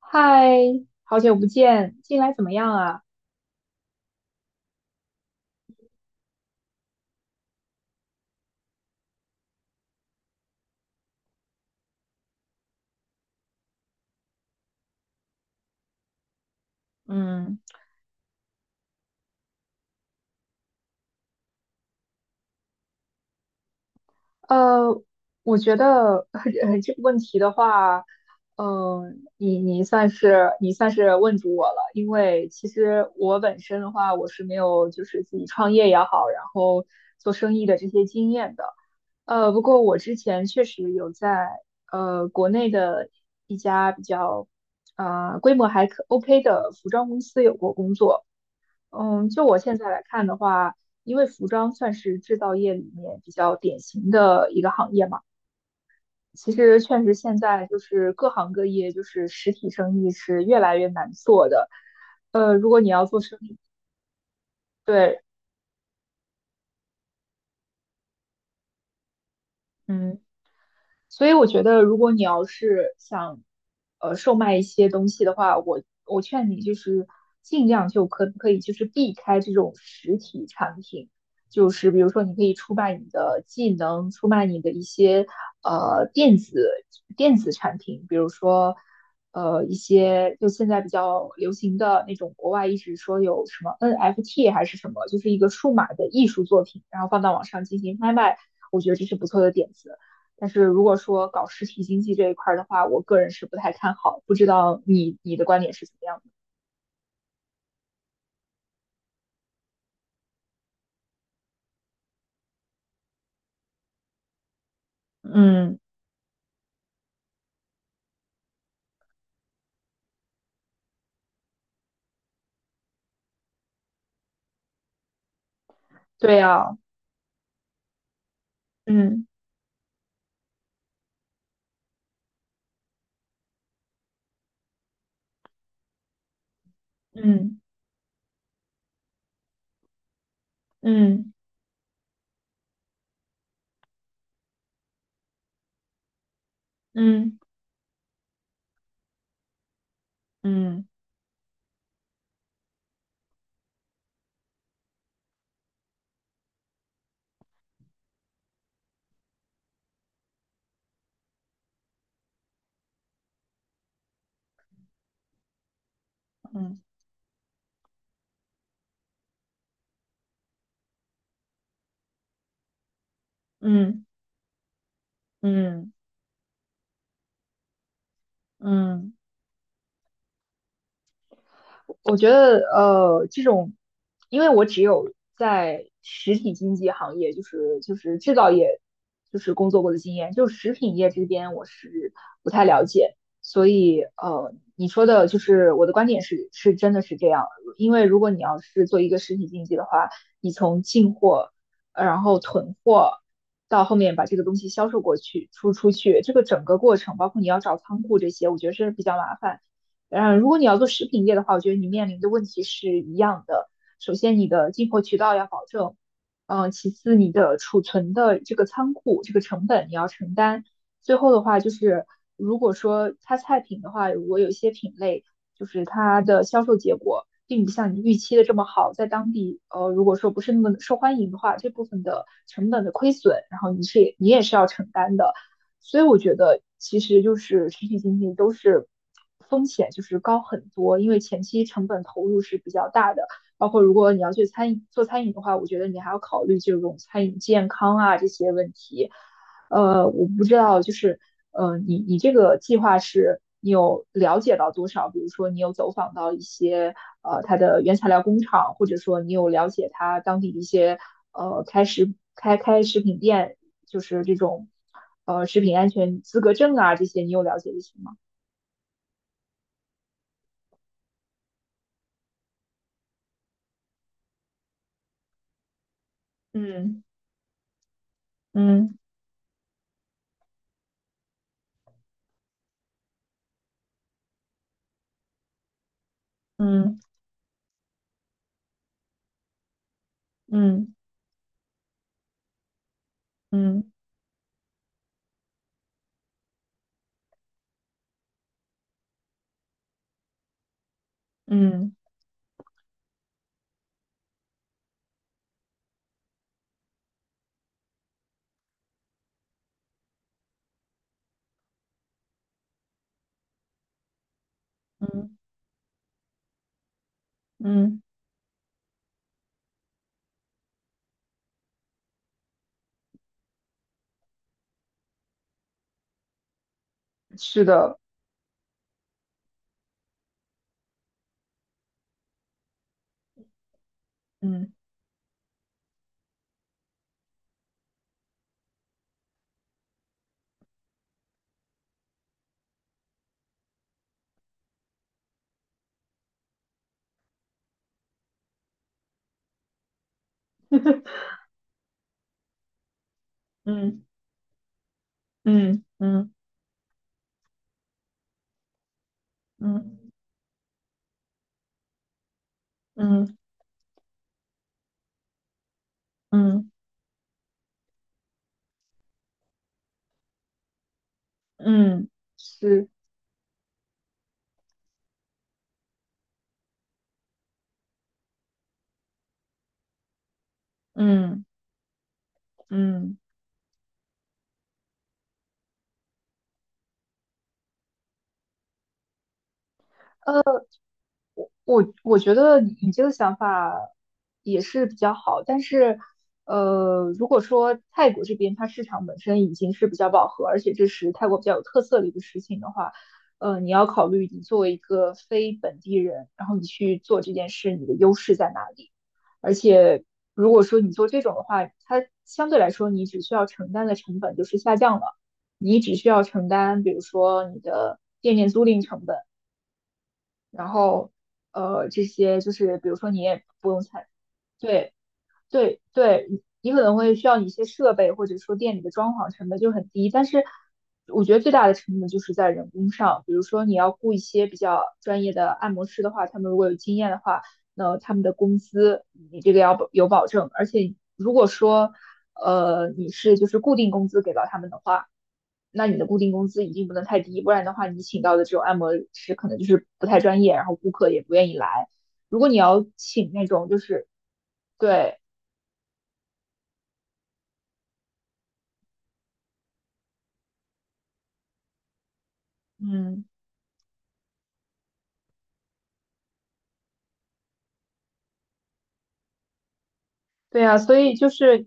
嗨，好久不见，近来怎么样啊？嗯，呃，我觉得 这个问题的话，呃，你算是问住我了，因为其实我本身的话，我是没有就是自己创业也好，然后做生意的这些经验的。不过我之前确实有在国内的一家比较规模还可 OK 的服装公司有过工作。嗯，就我现在来看的话，因为服装算是制造业里面比较典型的一个行业嘛，其实确实现在就是各行各业，就是实体生意是越来越难做的。如果你要做生意，对，嗯。所以我觉得，如果你要是想，售卖一些东西的话，我劝你就是尽量就可不可以就是避开这种实体产品，就是比如说你可以出卖你的技能，出卖你的一些呃电子电子产品，比如说一些就现在比较流行的那种国外一直说有什么 NFT 还是什么，就是一个数码的艺术作品，然后放到网上进行拍卖，我觉得这是不错的点子。但是如果说搞实体经济这一块儿的话，我个人是不太看好，不知道你的观点是怎么样的？嗯，对呀，嗯嗯嗯嗯嗯嗯嗯嗯嗯。嗯嗯嗯我觉得这种，因为我只有在实体经济行业，就是制造业，就是工作过的经验，就食品业这边我是不太了解，所以你说的就是我的观点是真的是这样，因为如果你要是做一个实体经济的话，你从进货，然后囤货。到后面把这个东西销售过去、出去，这个整个过程，包括你要找仓库这些，我觉得是比较麻烦。嗯，如果你要做食品业的话，我觉得你面临的问题是一样的。首先，你的进货渠道要保证，嗯，其次，你的储存的这个仓库这个成本你要承担。最后的话就是，如果说它菜品的话，如果有一些品类就是它的销售结果并不像你预期的这么好，在当地如果说不是那么受欢迎的话，这部分的成本的亏损，然后你也是要承担的。所以我觉得其实就是实体经济都是风险就是高很多，因为前期成本投入是比较大的，包括如果你要去餐饮做餐饮的话，我觉得你还要考虑这种餐饮健康啊这些问题，我不知道，就是你这个计划是你有了解到多少？比如说，你有走访到一些它的原材料工厂，或者说你有了解它当地的一些呃开食开开食品店，就是这种食品安全资格证啊这些，你有了解一些吗？嗯嗯嗯嗯嗯嗯嗯嗯，是的，嗯 嗯嗯嗯嗯嗯嗯。嗯是，嗯嗯，我觉得你这个想法也是比较好，但是，如果说泰国这边它市场本身已经是比较饱和，而且这是泰国比较有特色的一个事情的话，你要考虑你作为一个非本地人，然后你去做这件事，你的优势在哪里？而且，如果说你做这种的话，它相对来说你只需要承担的成本就是下降了，你只需要承担，比如说你的店面租赁成本。然后这些就是比如说你也不用参，对，对对，你可能会需要你一些设备，或者说店里的装潢成本就很低，但是我觉得最大的成本就是在人工上，比如说你要雇一些比较专业的按摩师的话，他们如果有经验的话，那他们的工资你这个要保证，而且如果说你是就是固定工资给到他们的话，那你的固定工资一定不能太低，不然的话你请到的这种按摩师可能就是不太专业，然后顾客也不愿意来。如果你要请那种就是对。嗯，对呀，所以就是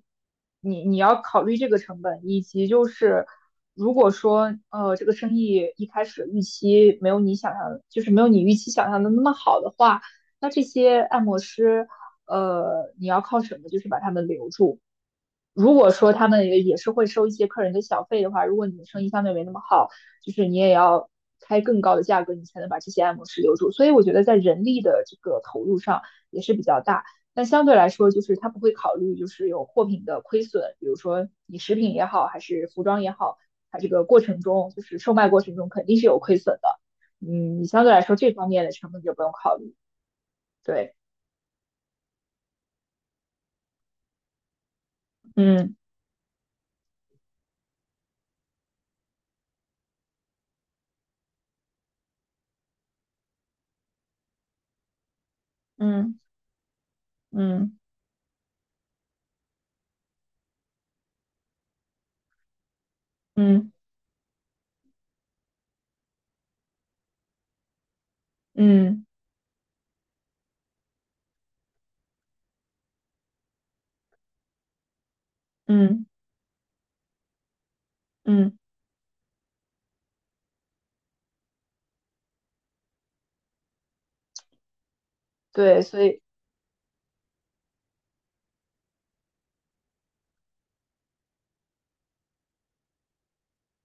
你要考虑这个成本，以及就是如果说这个生意一开始预期没有你想象就是没有你预期想象的那么好的话，那这些按摩师你要靠什么就是把他们留住？如果说他们也是会收一些客人的小费的话，如果你的生意相对没那么好，就是你也要开更高的价格，你才能把这些按摩师留住。所以我觉得在人力的这个投入上也是比较大，但相对来说，就是他不会考虑就是有货品的亏损，比如说你食品也好，还是服装也好，它这个过程中就是售卖过程中肯定是有亏损的。嗯，你相对来说这方面的成本就不用考虑。对，嗯嗯嗯嗯嗯嗯。嗯嗯对，所以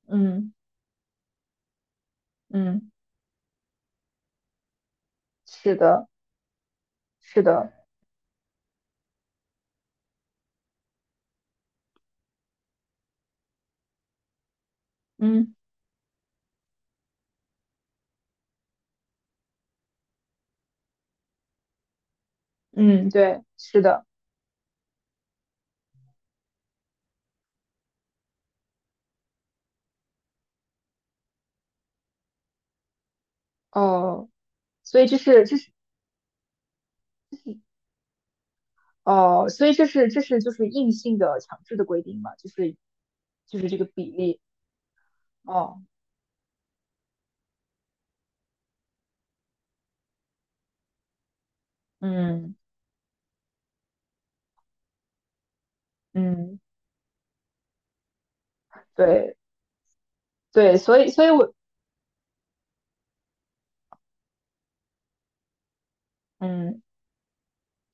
嗯嗯，是的，是的，嗯嗯，对，是的，哦，所以这是哦，所以这是就是硬性的强制的规定嘛，就是这个比例，哦，嗯嗯，对对，所以我嗯。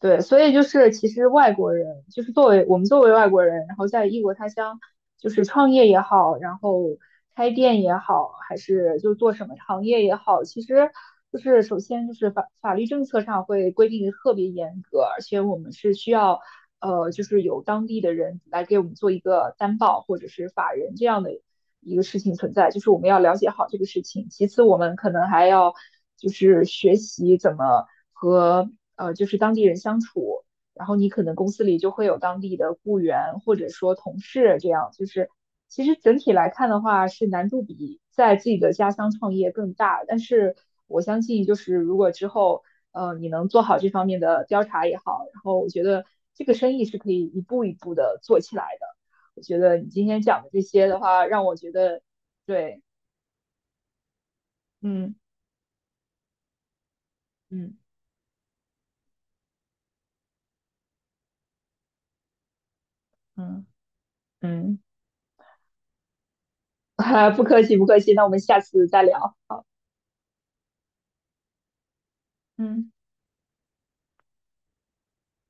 对，所以就是其实外国人，就是作为外国人，然后在异国他乡，就是创业也好，然后开店也好，还是就做什么行业也好，其实就是首先就是法律政策上会规定的特别严格，而且我们是需要就是有当地的人来给我们做一个担保或者是法人这样的一个事情存在，就是我们要了解好这个事情。其次，我们可能还要就是学习怎么和就是当地人相处，然后你可能公司里就会有当地的雇员或者说同事这样，就是其实整体来看的话是难度比在自己的家乡创业更大，但是我相信就是如果之后。你能做好这方面的调查也好，然后我觉得这个生意是可以一步一步的做起来的。我觉得你今天讲的这些的话，让我觉得，对，嗯嗯嗯嗯哈，不客气不客气，那我们下次再聊。好，嗯。